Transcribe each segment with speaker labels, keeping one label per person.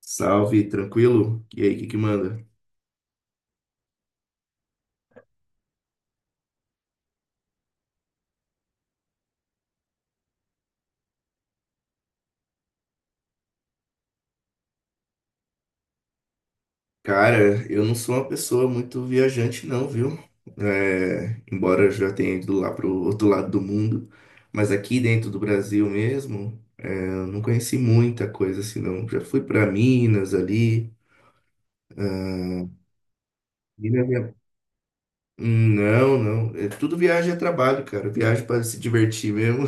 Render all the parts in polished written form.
Speaker 1: Salve, tranquilo? E aí, o que que manda? Cara, eu não sou uma pessoa muito viajante, não, viu? É, embora eu já tenha ido lá pro outro lado do mundo, mas aqui dentro do Brasil mesmo, é, eu não conheci muita coisa assim, não. Já fui pra Minas ali. Minas é- Não, não. É tudo viagem é trabalho, cara. Viagem para se divertir mesmo.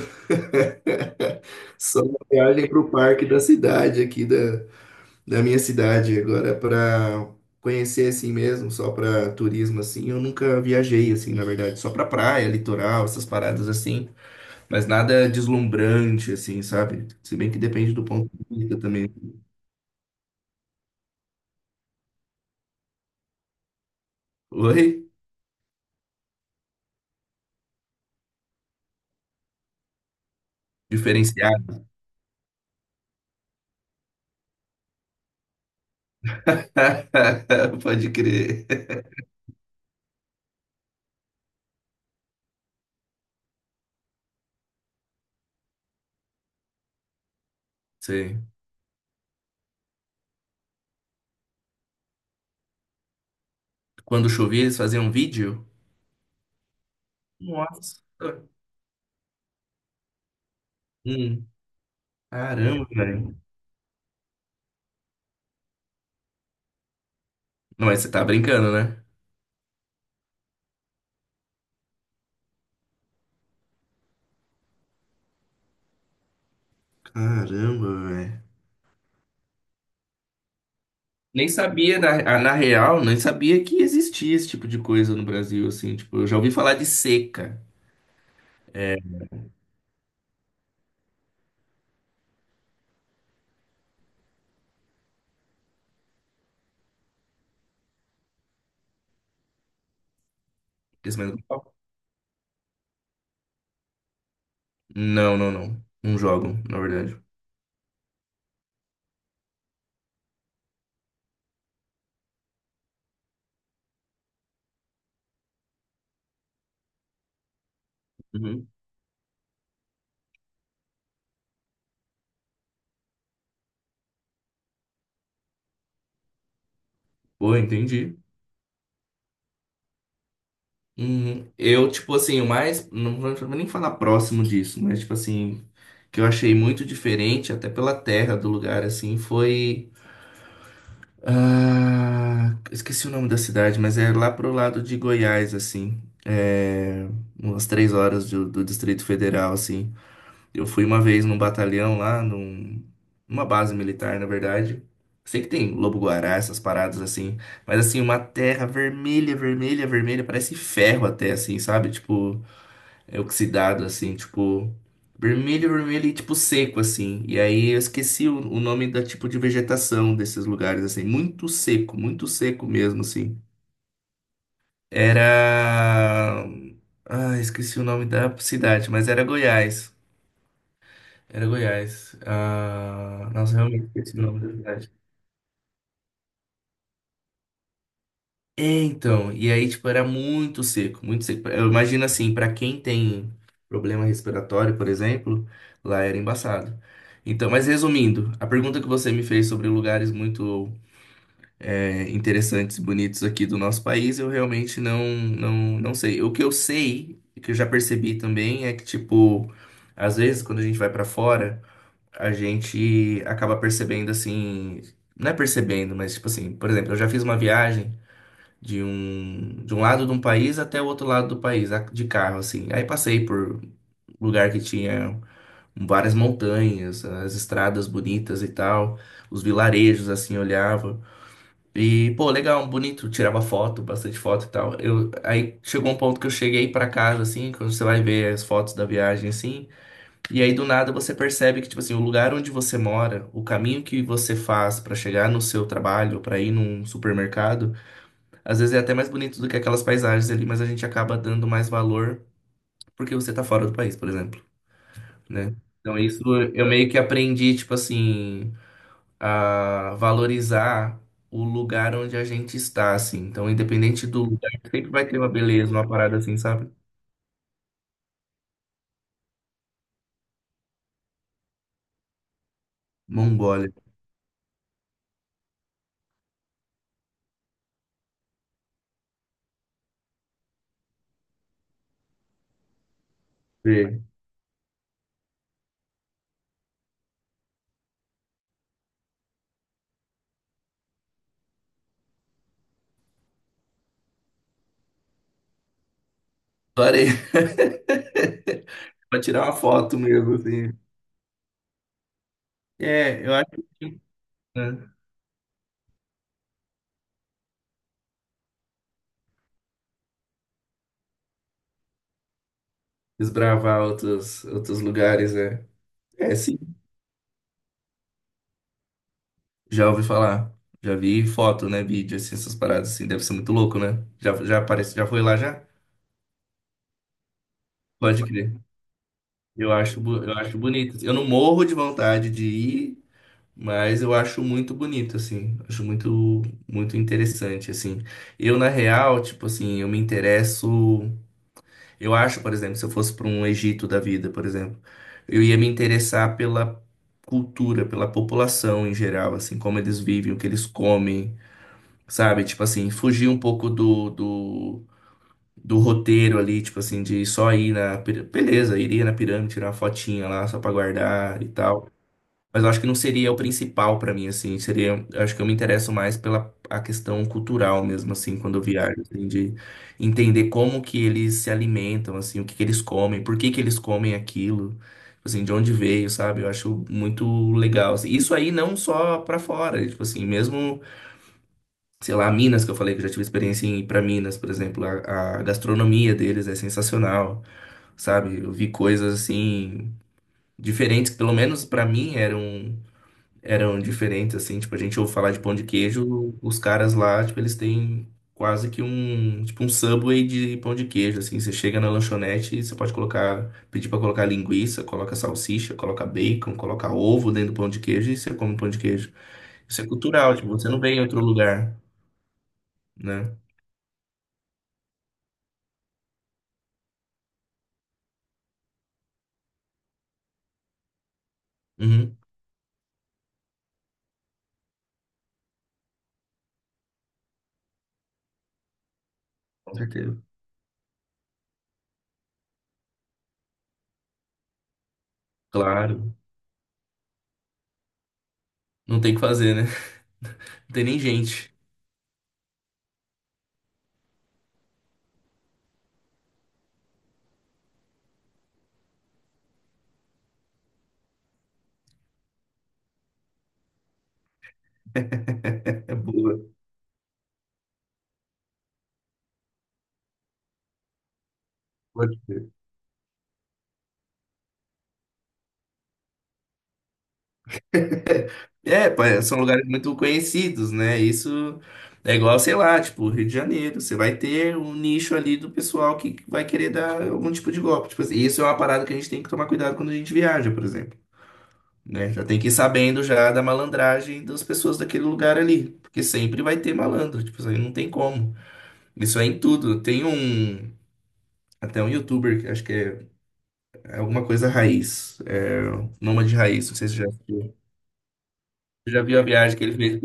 Speaker 1: Só uma viagem pro parque da cidade aqui da minha cidade agora para conhecer assim mesmo, só para turismo assim. Eu nunca viajei assim, na verdade, só para praia, litoral, essas paradas assim, mas nada deslumbrante assim, sabe? Se bem que depende do ponto de vista também. Oi? Diferenciado. Pode crer. Sei. Quando chovia, eles faziam um vídeo? Nossa. Hum. Caramba, velho. Não, mas você tá brincando, né? Caramba. Nem sabia, na real, nem sabia que existia esse tipo de coisa no Brasil, assim. Tipo, eu já ouvi falar de seca. Aquecimento global? Não, não, não. Não jogam, na verdade. Uhum. Pô, entendi. Uhum. Eu, tipo assim, o mais. Não vou nem falar próximo disso, mas, tipo assim, que eu achei muito diferente, até pela terra do lugar, assim, foi. Ah, esqueci o nome da cidade, mas é lá pro lado de Goiás, assim. É, umas 3 horas do Distrito Federal, assim. Eu fui uma vez num batalhão lá, numa base militar, na verdade. Sei que tem lobo-guará, essas paradas assim, mas assim, uma terra vermelha, vermelha, vermelha, parece ferro até, assim, sabe? Tipo, é oxidado, assim, tipo, vermelho, vermelho e tipo seco, assim. E aí eu esqueci o nome da tipo de vegetação desses lugares, assim, muito seco mesmo, assim. Era. Ah, esqueci o nome da cidade, mas era Goiás. Era Goiás. Ah, nossa, realmente esqueci o nome da cidade. É, então, e aí, tipo, era muito seco, muito seco. Eu imagino assim, pra quem tem problema respiratório, por exemplo, lá era embaçado. Então, mas resumindo, a pergunta que você me fez sobre lugares muito interessantes e bonitos aqui do nosso país, eu realmente não sei. O que eu sei, que eu já percebi também, é que, tipo, às vezes quando a gente vai pra fora, a gente acaba percebendo assim, não é percebendo, mas tipo assim, por exemplo, eu já fiz uma viagem de um lado de um país até o outro lado do país, de carro, assim. Aí passei por lugar que tinha várias montanhas, as estradas bonitas e tal, os vilarejos, assim, eu olhava. E, pô, legal, bonito, tirava foto, bastante foto e tal. Eu, aí chegou um ponto que eu cheguei pra casa, assim, quando você vai ver as fotos da viagem, assim, e aí, do nada, você percebe que, tipo assim, o lugar onde você mora, o caminho que você faz pra chegar no seu trabalho, pra ir num supermercado, às vezes é até mais bonito do que aquelas paisagens ali, mas a gente acaba dando mais valor porque você tá fora do país, por exemplo, né? Então, isso eu meio que aprendi, tipo assim, a valorizar o lugar onde a gente está, assim. Então, independente do lugar, sempre vai ter uma beleza, uma parada assim, sabe? Mongólia. Parei. Pra tirar uma foto mesmo, assim. É, eu acho que né, desbravar outros lugares, é. É, sim. Já ouvi falar. Já vi foto, né? Vídeo, assim, essas paradas, assim. Deve ser muito louco, né? Já, já aparece, já foi lá, já? Pode crer. Eu acho, eu acho bonito. Eu não morro de vontade de ir, mas eu acho muito bonito, assim. Acho muito, muito interessante, assim. Eu, na real, tipo assim, eu me interesso. Eu acho, por exemplo, se eu fosse para um Egito da vida, por exemplo, eu ia me interessar pela cultura, pela população em geral, assim, como eles vivem, o que eles comem, sabe? Tipo assim, fugir um pouco do roteiro ali, tipo assim, de só ir Beleza, iria na pirâmide, tirar uma fotinha lá só para guardar e tal. Mas eu acho que não seria o principal pra mim, assim. Seria, eu acho que eu me interesso mais pela a questão cultural mesmo, assim, quando eu viajo, assim, de entender como que eles se alimentam, assim, o que que eles comem, por que que eles comem aquilo, tipo assim, de onde veio, sabe? Eu acho muito legal, assim. Isso aí não só pra fora, tipo assim, mesmo, sei lá, Minas, que eu falei que eu já tive experiência em ir pra Minas, por exemplo, a gastronomia deles é sensacional, sabe? Eu vi coisas assim diferentes, que pelo menos pra mim eram diferentes, assim, tipo, a gente ouve falar de pão de queijo, os caras lá, tipo, eles têm quase que um, tipo, um Subway de pão de queijo, assim, você chega na lanchonete e você pode colocar, pedir pra colocar linguiça, coloca salsicha, coloca bacon, coloca ovo dentro do pão de queijo e você come pão de queijo. Isso é cultural, tipo, você não vem em outro lugar, né? Uhum, com certeza. Claro, não tem o que fazer, né? Não tem nem gente. É boa. É, são lugares muito conhecidos, né? Isso é igual, sei lá, tipo, Rio de Janeiro. Você vai ter um nicho ali do pessoal que vai querer dar algum tipo de golpe. Tipo assim, isso é uma parada que a gente tem que tomar cuidado quando a gente viaja, por exemplo, né? Já tem que ir sabendo já da malandragem das pessoas daquele lugar ali, porque sempre vai ter malandro, tipo, isso aí não tem como. Isso é em tudo. Tem um, até um youtuber, que acho que é alguma coisa raiz, é, Nômade Raiz, não sei se você já viu. Você já viu a viagem que ele fez?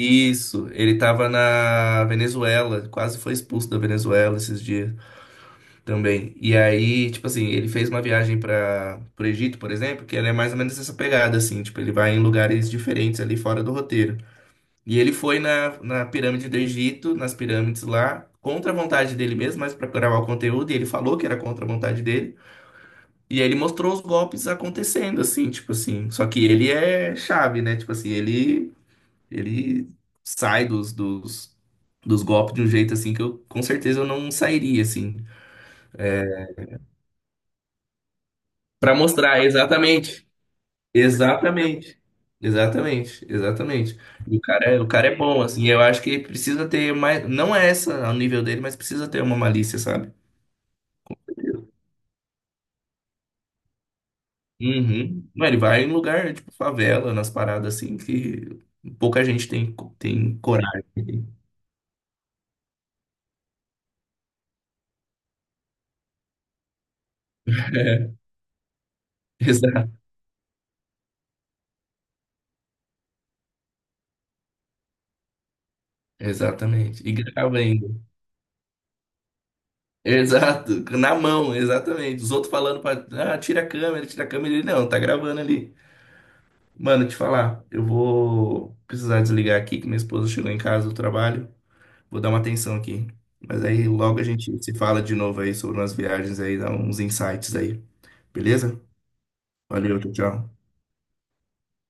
Speaker 1: Isso, ele estava na Venezuela, quase foi expulso da Venezuela esses dias também. E aí, tipo assim, ele fez uma viagem para pro Egito, por exemplo, que ela é mais ou menos essa pegada, assim, tipo, ele vai em lugares diferentes ali fora do roteiro. E ele foi na pirâmide do Egito, nas pirâmides lá, contra a vontade dele mesmo, mas para gravar o conteúdo, e ele falou que era contra a vontade dele. E aí ele mostrou os golpes acontecendo, assim, tipo assim. Só que ele é chave, né? Tipo assim, ele sai dos golpes de um jeito assim que eu com certeza eu não sairia assim. Pra mostrar exatamente, exatamente, exatamente, exatamente. E o cara, o cara é bom assim. Eu acho que precisa ter mais, não é essa ao nível dele, mas precisa ter uma malícia, sabe? Uhum. Não, ele vai em lugar tipo favela, nas paradas assim que pouca gente tem coragem. Exa- Exatamente. E grava ainda. Exato, na mão, exatamente. Os outros falando pra. Ah, tira a câmera, tira a câmera. Ele não, tá gravando ali. Mano, te falar, eu vou precisar desligar aqui que minha esposa chegou em casa do trabalho. Vou dar uma atenção aqui. Mas aí logo a gente se fala de novo aí sobre umas viagens aí, dá uns insights aí. Beleza? Valeu, tchau, tchau.